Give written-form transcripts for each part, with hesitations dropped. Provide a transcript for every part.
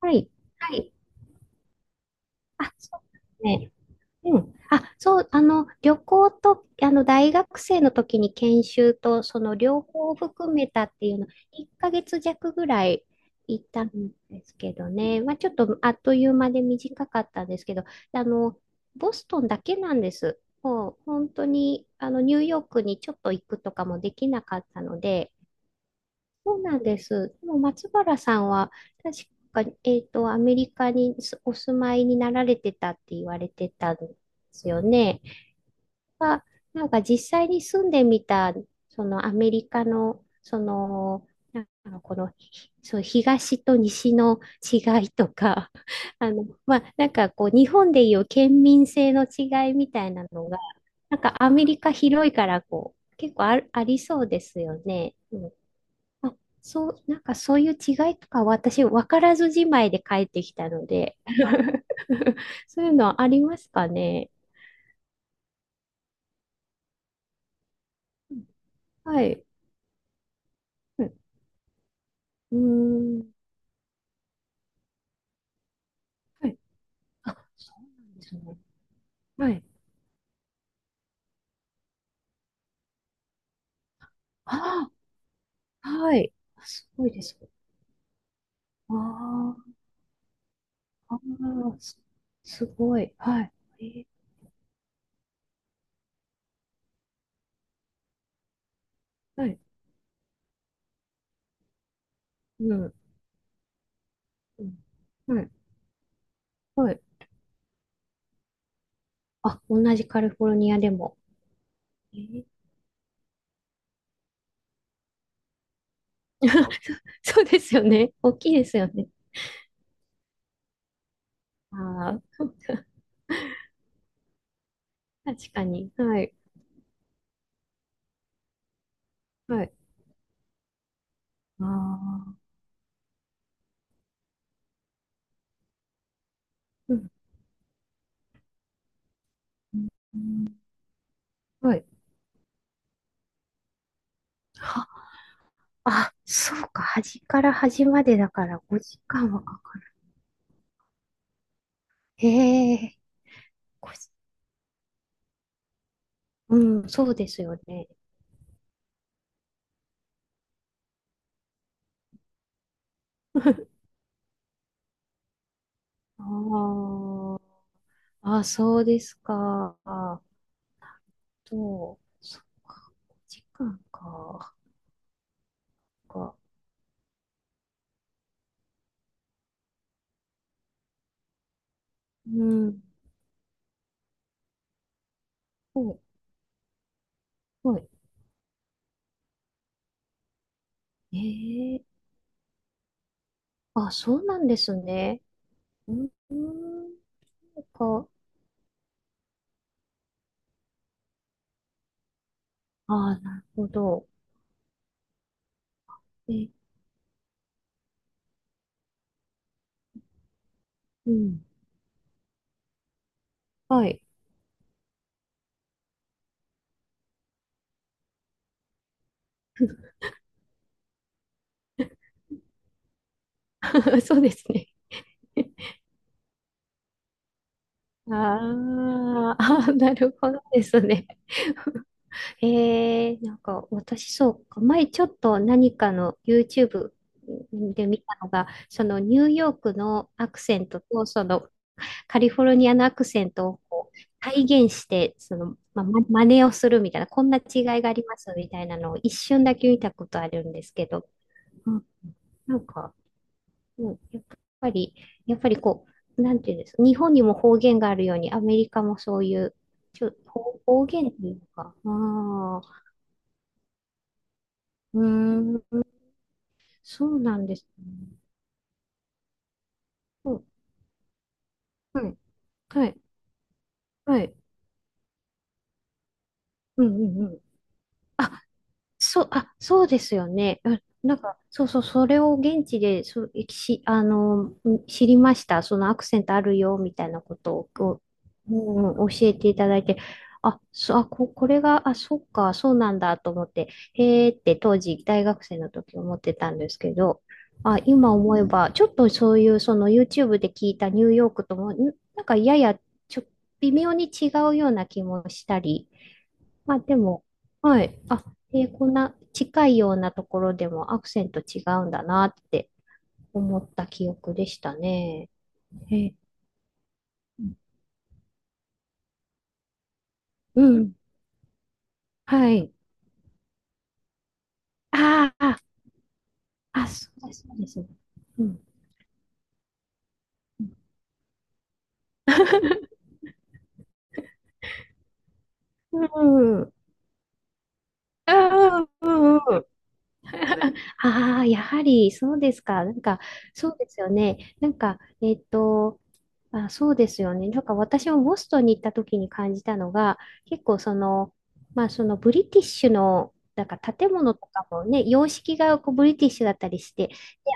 はい。はい。あ、そうですね。うん。あ、そう、旅行と、大学生の時に研修と、その両方含めたっていうの、1ヶ月弱ぐらい行ったんですけどね。まあ、ちょっとあっという間で短かったんですけど、あの、ボストンだけなんです。もう、本当に、ニューヨークにちょっと行くとかもできなかったので、そうなんです。でも松原さんは、確か、アメリカにお住まいになられてたって言われてたんですよね。は、なんか実際に住んでみた、そのアメリカの、その、なんかこの、ひそう東と西の違いとか、まあ、なんかこう、日本でいう県民性の違いみたいなのが、なんかアメリカ広いから、こう、結構ありそうですよね。あ、そう、なんかそういう違いとか私分からずじまいで帰ってきたので、 そういうのありますかね。はい。うん、うーん。はい。あ、そうなんですね。はい。ああ、はい。あ、すごいです。ああ、ああ、すごい。はい。えーはい。うん。うん。はい。はい。あ、同じカリフォルニアでも。えー。 そうですよね。大きいですよね。ああ。確かに。はい。はい。ああ、うん。うん、はい。は、あ、そうか。端から端までだから5時間はかかる。へえ。ごじうん、そうですよね。ああ、あ、そうですか。あと、そっか、5時間か。か。うん。ほい、ほい。ええ、あ、そうなんですね。うん、うん、か。ああ、なるほど。え、うん。はい。そうですね。あー、あー、なるほどですね。なんか私そうか、前ちょっと何かの YouTube で見たのが、そのニューヨークのアクセントとそのカリフォルニアのアクセントをこう体現して、その、真似をするみたいな、こんな違いがありますみたいなのを一瞬だけ見たことあるんですけど、うん、なんか、うん、ぱり、やっぱりこう、なんていうんですか、日本にも方言があるように、アメリカもそういう、ちょ、方方言っていうか、ああ、うーん、そうなんですね。うん、はい、はい、はい、うん、うん、うん。あ、そう、あ、そうですよね。あ、なんか、そうそう、それを現地で、そう、し、あの、ん知りました。そのアクセントあるよ、みたいなことを、こう、うん、教えていただいて、あ、そう、あ、これが、あ、そっか、そうなんだと思って、へーって当時、大学生の時思ってたんですけど、あ、今思えば、ちょっとそういう、その YouTube で聞いたニューヨークとも、なんかやや、ちょ、微妙に違うような気もしたり、まあでも、はい。あ、こんな近いようなところでもアクセント違うんだなって思った記憶でしたね。えー、うん。はい。あー、あ、そうです、そうです。うん。うん。ああ、うん、うん。ああ、やはりそうですか。なんか、そうですよね。なんか、あ、そうですよね。なんか私もボストンに行った時に感じたのが、結構その、まあそのブリティッシュの、なんか建物とかもね、様式がこうブリティッシュだったりして、で、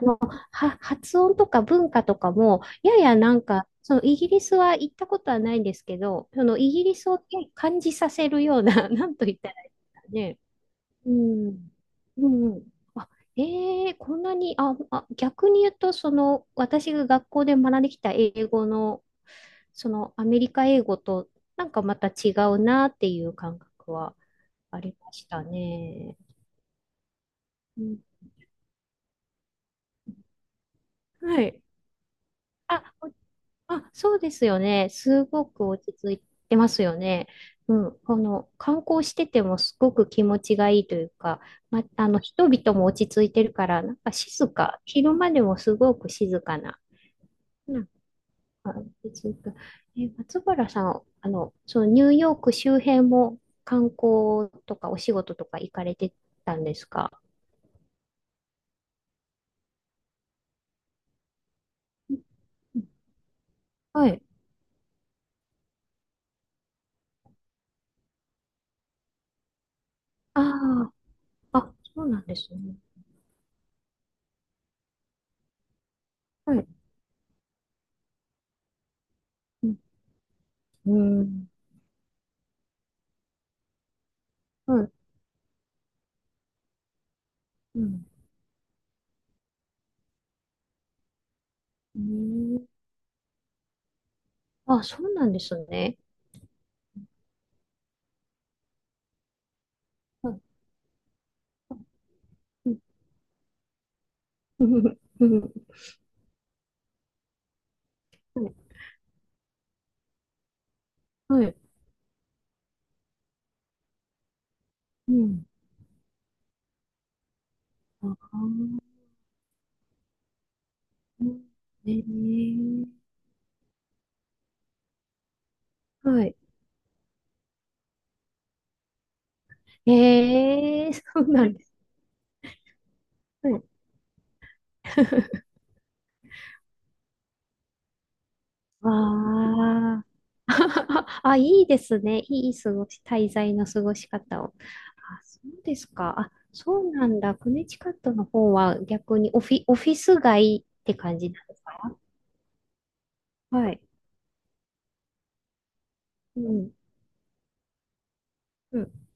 あの、発音とか文化とかも、ややなんか、そのイギリスは行ったことはないんですけど、そのイギリスをね、感じさせるような、なんと言ったらいいですかね。うん。うん、うん。あ、ええ、こんなに、逆に言うと、その、私が学校で学んできた英語の、その、アメリカ英語と、なんかまた違うなっていう感覚はありましたね。うん。はい。あ、そうですよね。すごく落ち着いてますよね。うん。この観光しててもすごく気持ちがいいというか、ま、あの、人々も落ち着いてるから、なんか静か、昼間でもすごく静かな、なんか落ち着く。え、松原さん、そのニューヨーク周辺も観光とかお仕事とか行かれてたんですか？うん、うん、はい。ああ、あ、そうなんですね。はい。うん。うん。はい。うん。うん、あ、そうなんですね。うん、うん、うん、うん、はい。はい。うん。あー、えー、はい。そうなんですね。わあ。あ、いいですね。いい過ごし、滞在の過ごし方を。あ、そうですか。あ、そうなんだ。クネチカットの方は逆にオフィス街って感じなんですか？はい。うん。うん。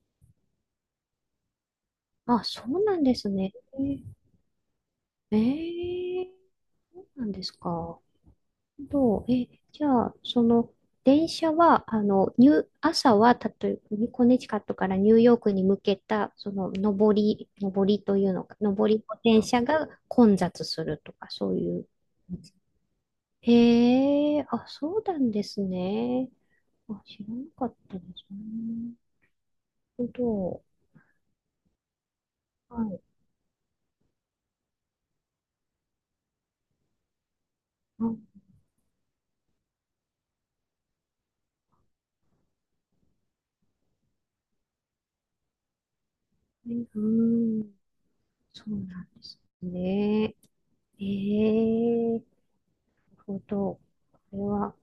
あ、そうなんですね。えー、えー、なんですか。どう、え、じゃあ、その、電車は、あの、ニュー、朝は、例えば、コネチカットからニューヨークに向けた、その、上りというのか、上りの電車が混雑するとか、そういう。へえ、あ、そうなんですね。あ、知らなかったですね。なるほど。はい。あ、うん、そうなんですね。ええ、なるほど。これは。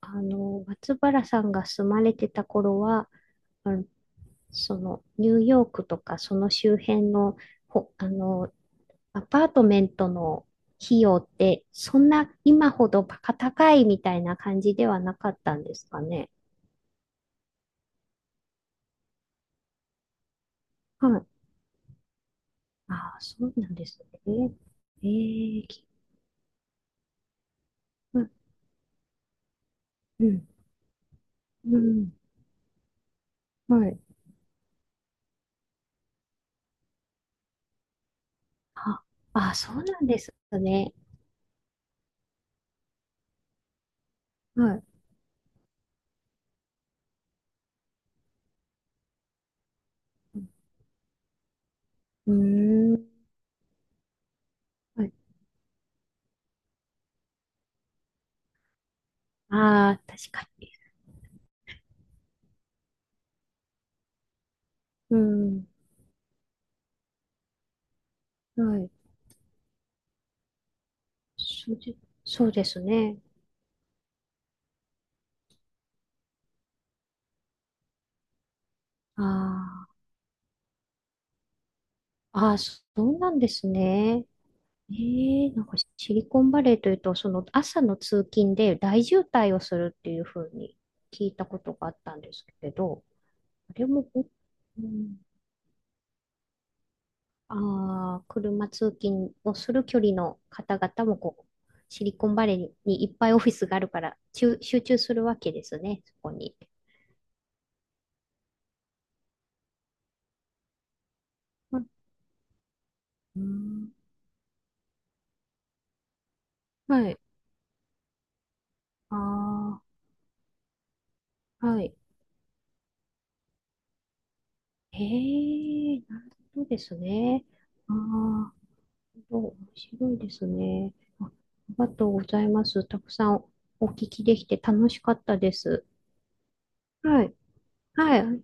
松原さんが住まれてた頃は、あの、その、ニューヨークとか、その周辺の、ほ、あの、アパートメントの費用って、そんな今ほどバカ高いみたいな感じではなかったんですかね。はい。ああ、そうなんですね。ええ、うん、うん、うん、はい。あ、そうなんですね。はい。うーん。はい。ああ、確かに。うん。はい。そうで、そうですね。ああ、そうなんですね。ええ、なんかシリコンバレーというと、その朝の通勤で大渋滞をするっていうふうに聞いたことがあったんですけど、あれも、うん、ああ、車通勤をする距離の方々もこう、シリコンバレーにいっぱいオフィスがあるから、集中するわけですね、そこに。うん、はい。ああ、はい。へえ、なるほどですね。ああ、なるほど、面白いですね。あ、ありがとうございます。たくさんお聞きできて楽しかったです。はい。はい。